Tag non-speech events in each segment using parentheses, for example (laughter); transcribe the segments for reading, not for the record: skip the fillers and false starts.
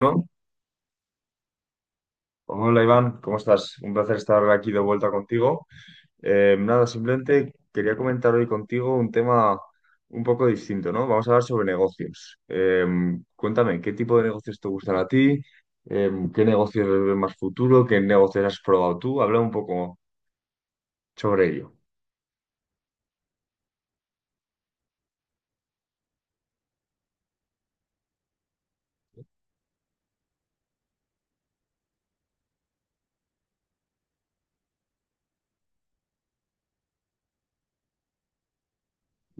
¿No? Hola Iván, ¿cómo estás? Un placer estar aquí de vuelta contigo. Nada, simplemente quería comentar hoy contigo un tema un poco distinto, ¿no? Vamos a hablar sobre negocios. Cuéntame, ¿qué tipo de negocios te gustan a ti? ¿Qué negocios ves más futuro? ¿Qué negocios has probado tú? Habla un poco sobre ello.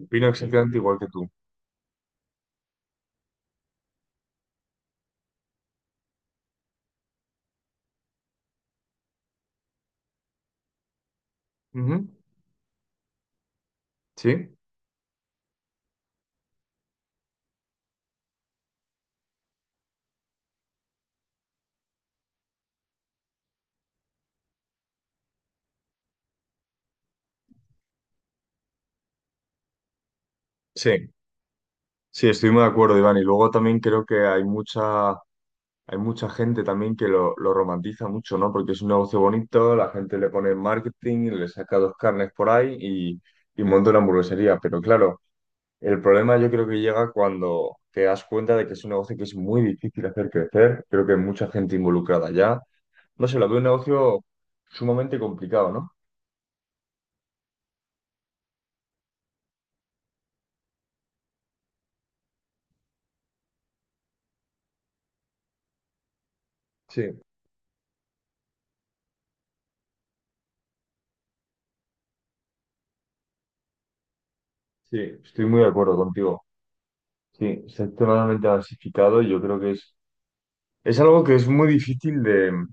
Opino exactamente igual que tú. Ujú. ¿Sí? Sí, sí, estoy muy de acuerdo, Iván. Y luego también creo que hay mucha. Hay mucha gente también que lo romantiza mucho, ¿no? Porque es un negocio bonito, la gente le pone marketing, le saca dos carnes por ahí y monta una hamburguesería. Pero claro, el problema yo creo que llega cuando te das cuenta de que es un negocio que es muy difícil hacer crecer. Creo que hay mucha gente involucrada ya. No sé, lo veo un negocio sumamente complicado, ¿no? Sí. Sí, estoy muy de acuerdo contigo. Sí, sector totalmente diversificado y yo creo que es. Es algo que es muy difícil de,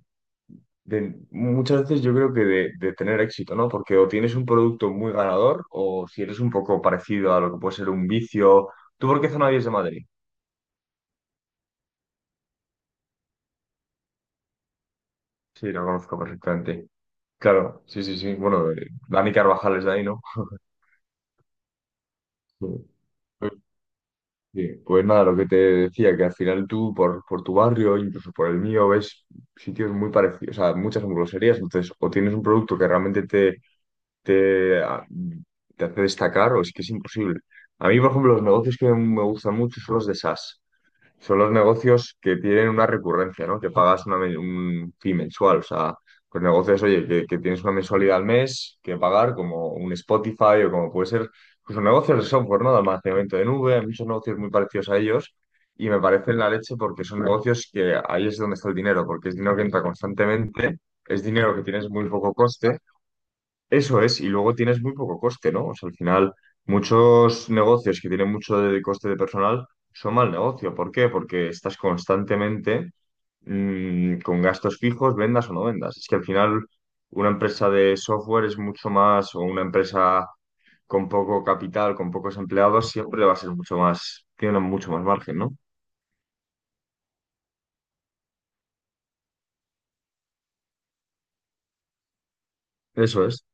de- muchas veces yo creo que de tener éxito, ¿no? Porque o tienes un producto muy ganador o si eres un poco parecido a lo que puede ser un vicio. ¿Tú por qué zona eres de Madrid? Sí, lo conozco perfectamente. Claro, sí, sí, sí. Bueno, Dani Carvajal es de ahí, ¿no? Sí. Pues sí, pues nada, lo que te decía, que al final tú por tu barrio, incluso por el mío, ves sitios muy parecidos, o sea, muchas hamburgueserías, entonces o tienes un producto que realmente te, te hace destacar o es que es imposible. A mí, por ejemplo, los negocios que me gustan mucho son los de SaaS. Son los negocios que tienen una recurrencia, ¿no? Que pagas un fee mensual. O sea, los negocios, oye, que tienes una mensualidad al mes que pagar, como un Spotify o como puede ser, pues son negocios de software, ¿no? De almacenamiento de nube, hay muchos negocios muy parecidos a ellos. Y me parecen la leche porque son negocios que ahí es donde está el dinero, porque es dinero que entra constantemente, es dinero que tienes muy poco coste, eso es, y luego tienes muy poco coste, ¿no? O sea, al final, muchos negocios que tienen mucho de coste de personal son mal negocio. ¿Por qué? Porque estás constantemente con gastos fijos, vendas o no vendas. Es que al final, una empresa de software es mucho más, o una empresa con poco capital, con pocos empleados, siempre va a ser mucho más, tiene mucho más margen, ¿no? Eso es,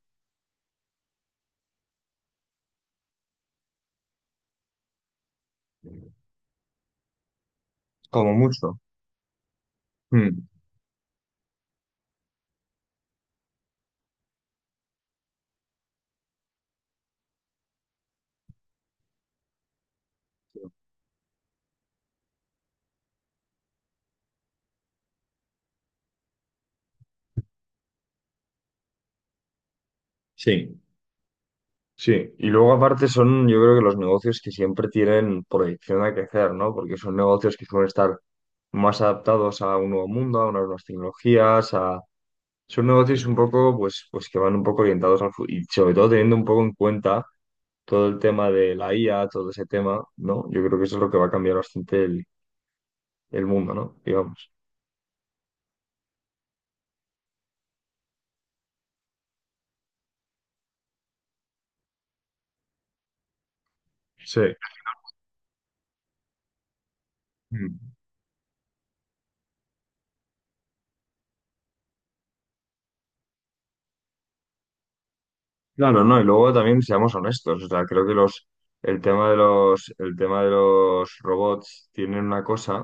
como mucho. Mm. Sí. Sí, y luego aparte son, yo creo que los negocios que siempre tienen proyección a crecer, ¿no? Porque son negocios que suelen estar más adaptados a un nuevo mundo, a unas nuevas tecnologías, a... Son negocios un poco, pues, pues que van un poco orientados al futuro, y sobre todo teniendo un poco en cuenta todo el tema de la IA, todo ese tema, ¿no? Yo creo que eso es lo que va a cambiar bastante el mundo, ¿no? Digamos. Sí. Mm. Claro, no, y luego también seamos honestos, o sea, creo que el tema de los, el tema de los robots tienen una cosa.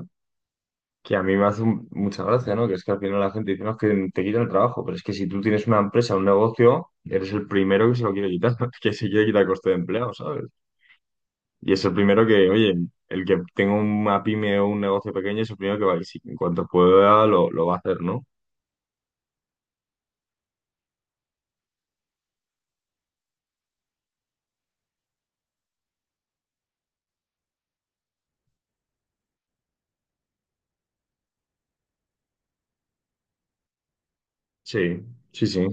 Que a mí me hace mucha gracia, ¿no? Que es que al final la gente dice, no, es que te quitan el trabajo, pero es que si tú tienes una empresa, un negocio, eres el primero que se lo quiere quitar, (laughs) que se quiere quitar coste de empleo, ¿sabes? Y es el primero que, oye, el que tenga una pyme o un negocio pequeño es el primero que va a ir, en cuanto pueda, lo va a hacer, ¿no? Sí, sí, sí.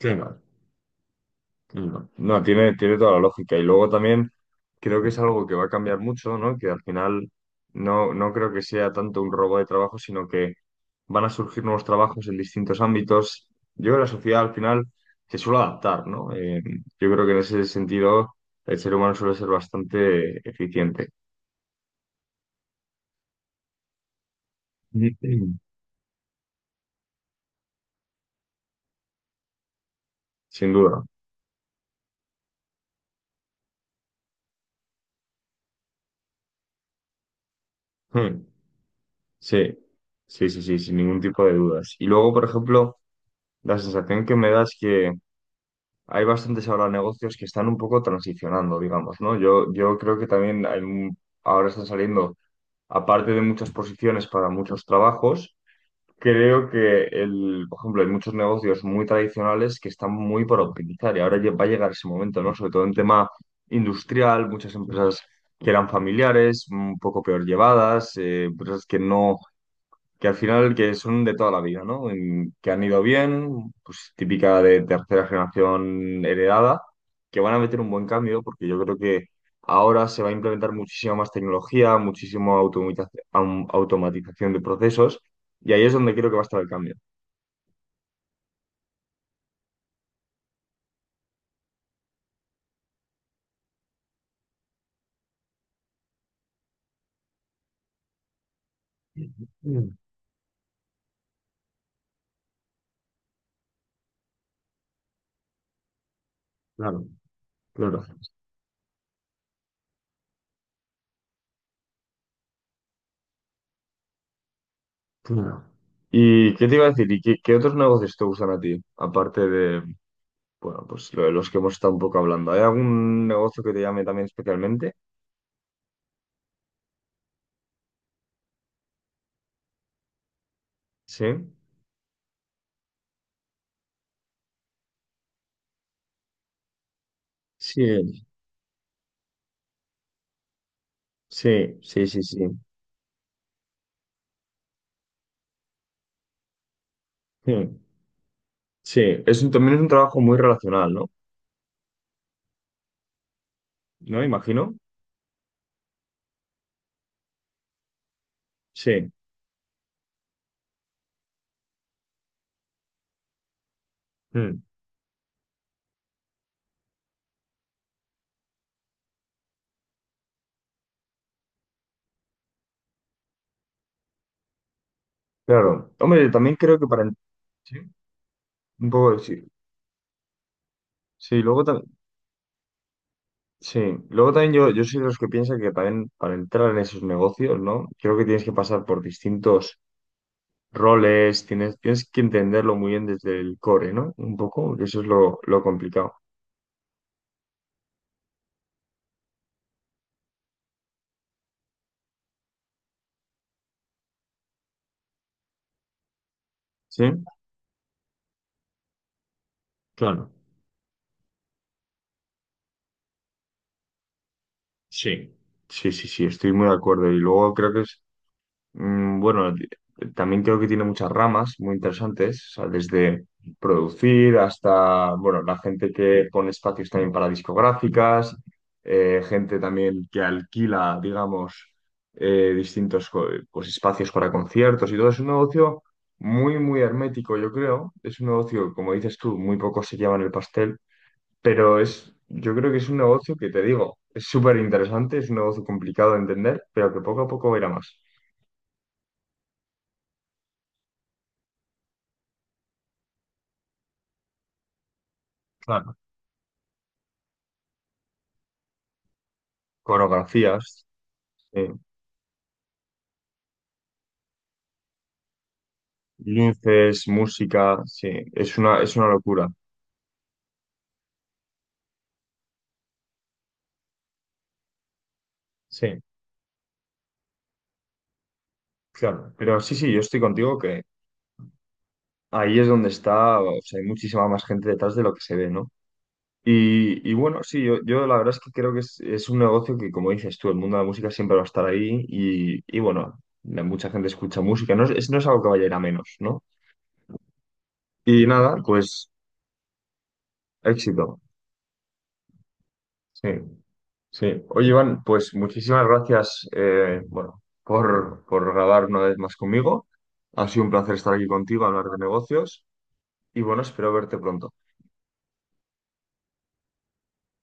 Sí. No, no, tiene, tiene toda la lógica. Y luego también creo que es algo que va a cambiar mucho, ¿no? Que al final no, no creo que sea tanto un robo de trabajo, sino que van a surgir nuevos trabajos en distintos ámbitos. Yo creo que la sociedad al final se suele adaptar, ¿no? Yo creo que en ese sentido el ser humano suele ser bastante eficiente, (clears throat) sin duda. Hmm. Sí, sí, sí, sí, sin ningún tipo de dudas. Y luego, por ejemplo, la sensación que me da es que hay bastantes ahora negocios que están un poco transicionando, digamos, ¿no? Yo creo que también ahora están saliendo, aparte de muchas posiciones para muchos trabajos, creo que, el, por ejemplo, hay muchos negocios muy tradicionales que están muy por optimizar y ahora va a llegar ese momento, ¿no? Sobre todo en tema industrial, muchas empresas que eran familiares, un poco peor llevadas, empresas que no, que al final que son de toda la vida, ¿no? Que han ido bien, pues típica de tercera generación heredada, que van a meter un buen cambio, porque yo creo que ahora se va a implementar muchísima más tecnología, muchísima automatización de procesos, y ahí es donde creo que va a estar el cambio. Mm. Claro, claro, claro. ¿Y qué te iba a decir? ¿Y qué, qué otros negocios te gustan a ti? Aparte de, bueno, pues lo de los que hemos estado un poco hablando. ¿Hay algún negocio que te llame también especialmente? Sí. Sí, sí, sí, sí, sí. Mm. Sí, es también es un trabajo muy relacional, ¿no? ¿No? Imagino. Sí. Mm. Claro. Hombre, yo también creo que para... Sí, un poco sí. Sí, luego también... Sí, luego también yo soy de los que piensa que también para entrar en esos negocios, ¿no? Creo que tienes que pasar por distintos roles, tienes, tienes que entenderlo muy bien desde el core, ¿no? Un poco, que eso es lo complicado. Sí, claro. Sí. Sí, sí, sí, estoy muy de acuerdo. Y luego creo que es. Mm, Bueno, di- También creo que tiene muchas ramas muy interesantes, o sea, desde producir hasta, bueno, la gente que pone espacios también para discográficas, gente también que alquila, digamos, distintos pues, espacios para conciertos y todo. Es un negocio muy, muy hermético, yo creo. Es un negocio, como dices tú, muy pocos se llevan el pastel, pero es, yo creo que es un negocio que te digo, es súper interesante, es un negocio complicado de entender, pero que poco a poco irá más. Coreografías, sí. Luces, música, sí. Es una locura. Sí, claro. Pero sí, sí, yo estoy contigo que ahí es donde está, o sea, hay muchísima más gente detrás de lo que se ve, ¿no? Y bueno, sí, yo la verdad es que creo que es un negocio que, como dices tú, el mundo de la música siempre va a estar ahí y bueno, mucha gente escucha música, no es, no es algo que vaya a ir a menos, ¿no? Y nada, pues éxito. Sí. Sí, oye Iván, pues muchísimas gracias bueno, por grabar una vez más conmigo. Ha sido un placer estar aquí contigo, hablar de negocios y bueno, espero verte pronto.